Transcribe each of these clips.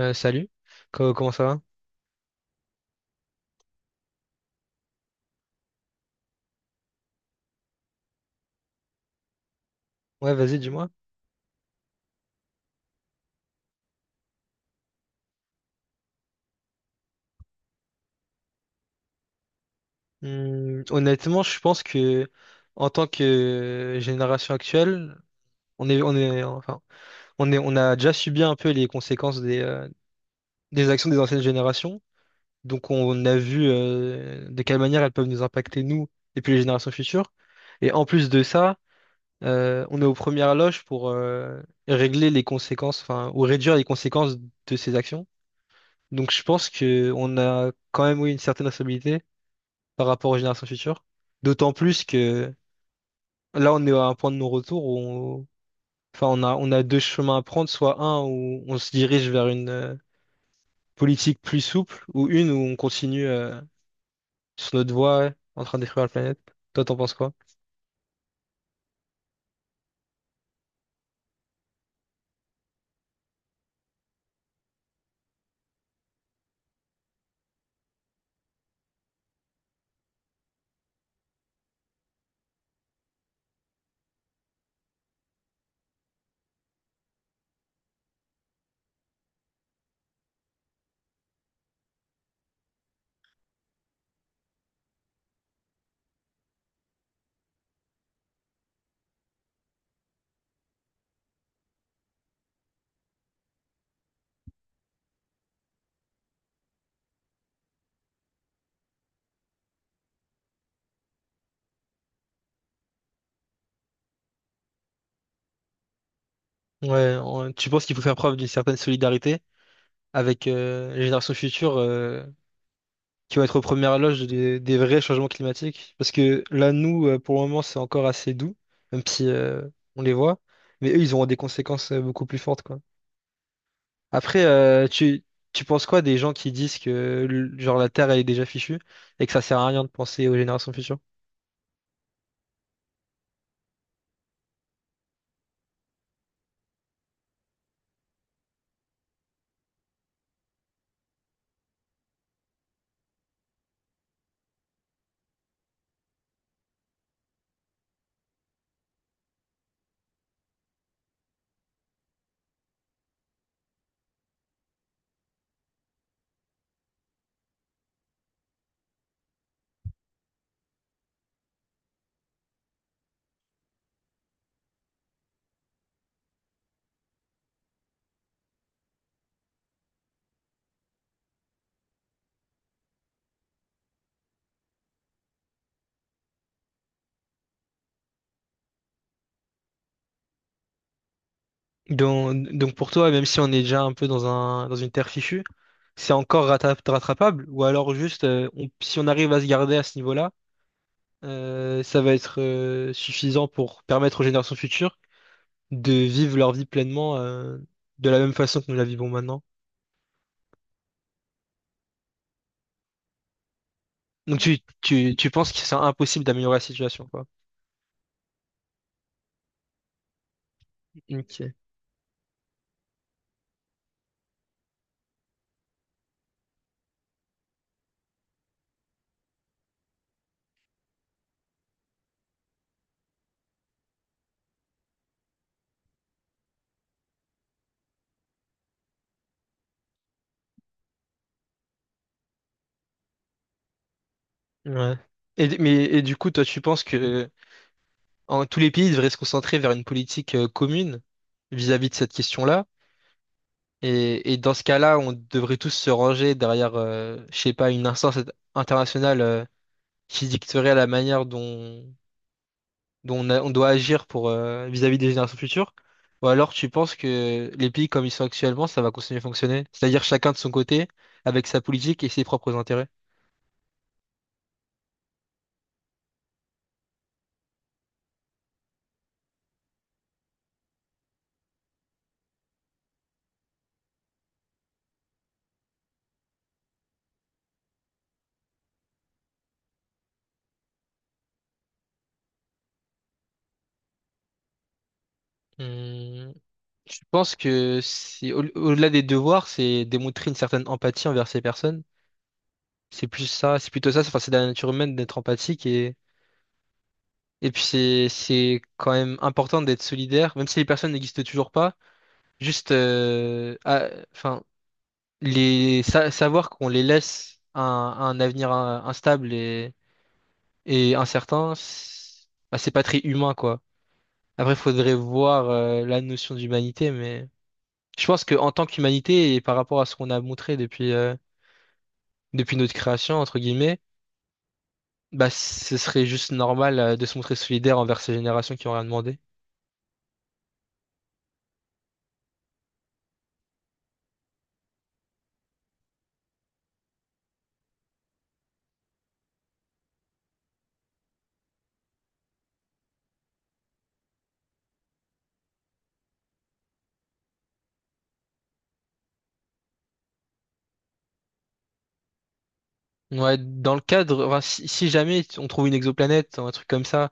Salut. Comment ça va? Ouais, vas-y, dis-moi. Hmm, honnêtement, je pense que en tant que génération actuelle, on est, on est, enfin, on est, on a déjà subi un peu les conséquences des des actions des anciennes générations. Donc, on a vu de quelle manière elles peuvent nous impacter nous et puis les générations futures. Et en plus de ça, on est aux premières loges pour régler les conséquences, enfin, ou réduire les conséquences de ces actions. Donc, je pense que on a quand même oui, une certaine responsabilité par rapport aux générations futures. D'autant plus que là, on est à un point de non-retour où on... Enfin, on a deux chemins à prendre, soit un où on se dirige vers une politique plus souple, ou une où on continue sur notre voie en train de détruire la planète. Toi, t'en penses quoi? Ouais, tu penses qu'il faut faire preuve d'une certaine solidarité avec les générations futures, qui vont être aux premières loges des vrais changements climatiques. Parce que là, nous, pour le moment, c'est encore assez doux, même si on les voit. Mais eux, ils auront des conséquences beaucoup plus fortes, quoi. Après, tu penses quoi des gens qui disent que genre la Terre, elle est déjà fichue et que ça sert à rien de penser aux générations futures? Donc pour toi, même si on est déjà un peu dans dans une terre fichue, c'est encore rattrapable, ou alors juste, si on arrive à se garder à ce niveau-là, ça va être suffisant pour permettre aux générations futures de vivre leur vie pleinement de la même façon que nous la vivons maintenant. Donc tu penses que c'est impossible d'améliorer la situation, quoi. Ok. Ouais. Et, mais, et du coup, toi, tu penses que tous les pays devraient se concentrer vers une politique commune vis-à-vis de cette question-là? Et dans ce cas-là, on devrait tous se ranger derrière, je sais pas, une instance internationale qui dicterait la manière dont on, on doit agir pour vis-à-vis des générations futures. Ou alors tu penses que les pays comme ils sont actuellement, ça va continuer à fonctionner? C'est-à-dire chacun de son côté, avec sa politique et ses propres intérêts. Hmm, je pense que c'est au-delà des devoirs, c'est démontrer une certaine empathie envers ces personnes. C'est plus ça, c'est plutôt ça. Enfin, c'est de la nature humaine d'être empathique et puis c'est quand même important d'être solidaire, même si les personnes n'existent toujours pas. Juste, enfin, les savoir qu'on les laisse à à un avenir instable et incertain, c'est bah, c'est pas très humain quoi. Après, faudrait voir la notion d'humanité, mais je pense que en tant qu'humanité et par rapport à ce qu'on a montré depuis depuis notre création entre guillemets, bah ce serait juste normal de se montrer solidaire envers ces générations qui ont rien demandé. Ouais, dans le cadre, enfin, si jamais on trouve une exoplanète, un truc comme ça,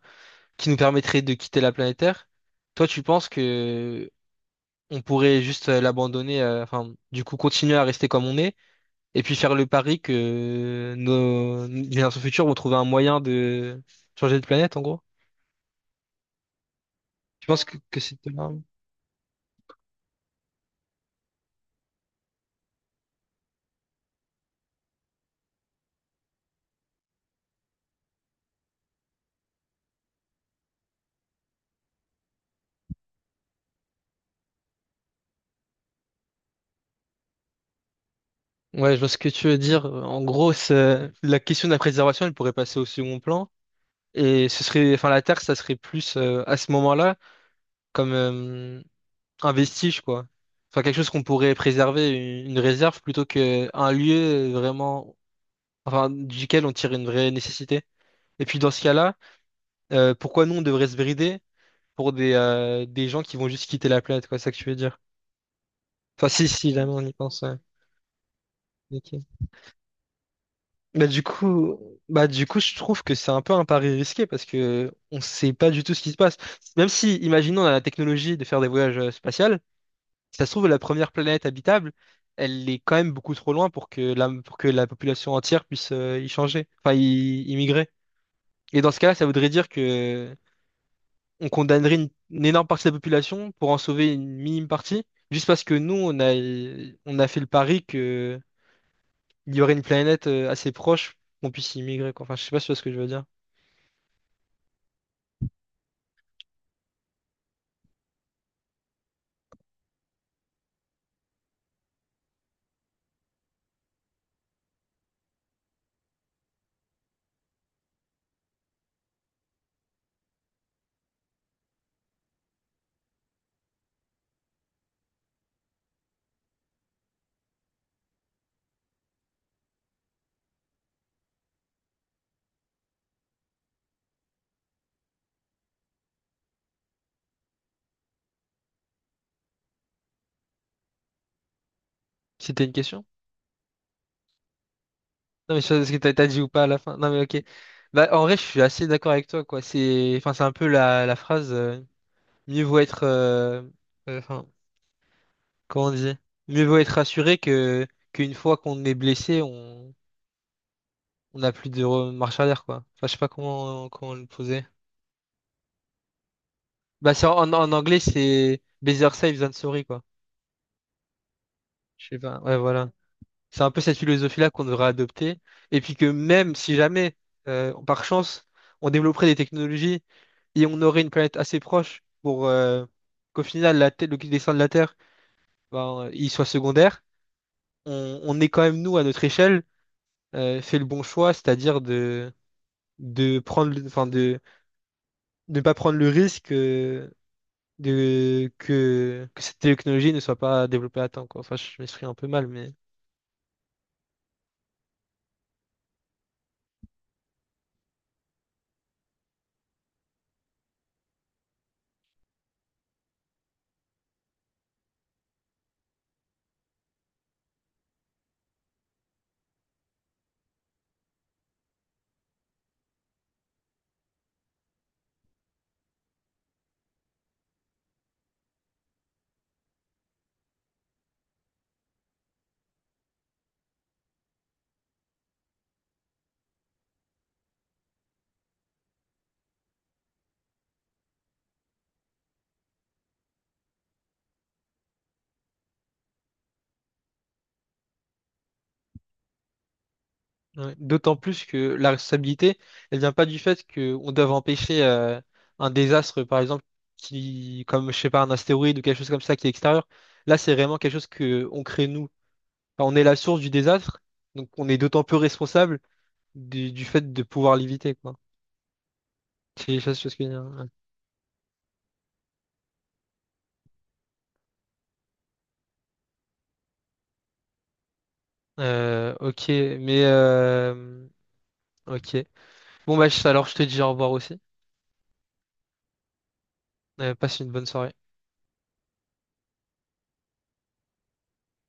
qui nous permettrait de quitter la planète Terre, toi tu penses que on pourrait juste l'abandonner, enfin, du coup continuer à rester comme on est, et puis faire le pari que nos générations futures vont trouver un moyen de changer de planète, en gros? Tu penses que c'est de là? Ouais, je vois ce que tu veux dire. En gros, la question de la préservation, elle pourrait passer au second plan. Et ce serait, enfin, la Terre, ça serait plus à ce moment-là, comme un vestige, quoi. Enfin, quelque chose qu'on pourrait préserver, une réserve, plutôt que un lieu vraiment, enfin, duquel on tire une vraie nécessité. Et puis, dans ce cas-là, pourquoi nous, on devrait se brider pour des gens qui vont juste quitter la planète, quoi, c'est ça que tu veux dire. Enfin, si, si, là, on y pense, ouais. Ok. Bah, du coup, bah, du coup, je trouve que c'est un peu un pari risqué parce que on sait pas du tout ce qui se passe. Même si, imaginons, on a la technologie de faire des voyages spatiaux. Si ça se trouve, la première planète habitable, elle est quand même beaucoup trop loin pour pour que la population entière puisse y changer, enfin y migrer. Et dans ce cas-là, ça voudrait dire que on condamnerait une énorme partie de la population pour en sauver une minime partie, juste parce que on a fait le pari que il y aurait une planète assez proche qu'on puisse y migrer, quoi. Enfin, je sais pas si tu vois ce que je veux dire. C'était une question? Non, mais je sais pas ce que t'as dit ou pas à la fin. Non, mais ok. Bah, en vrai, je suis assez d'accord avec toi, quoi. C'est, enfin, c'est un peu la phrase, mieux vaut être, enfin, comment on dit? Mieux vaut être rassuré qu'une fois qu'on est blessé, on n'a plus de marche arrière, quoi. Enfin, je sais pas comment le poser. Bah, c'est en anglais, c'est better safe than sorry, quoi. Je sais pas. Ouais, voilà. C'est un peu cette philosophie-là qu'on devrait adopter. Et puis que même si jamais, par chance, on développerait des technologies et on aurait une planète assez proche pour qu'au final, le dessin de la Terre, ben, il soit secondaire, on ait quand même, nous, à notre échelle, fait le bon choix, c'est-à-dire de prendre, enfin, de ne pas prendre le risque que cette technologie ne soit pas développée à temps, quoi. Enfin, je m'exprime un peu mal, mais... Ouais. D'autant plus que la responsabilité, elle vient pas du fait qu'on doit empêcher un désastre, par exemple, qui, comme je sais pas, un astéroïde ou quelque chose comme ça qui est extérieur. Là, c'est vraiment quelque chose que on crée nous. Enfin, on est la source du désastre, donc on est d'autant plus responsable du fait de pouvoir l'éviter, quoi. C'est ça, c'est ce que je veux dire. Ouais. Euh, ok, mais euh, ok. Bon bah alors je te dis au revoir aussi. Passe une bonne soirée.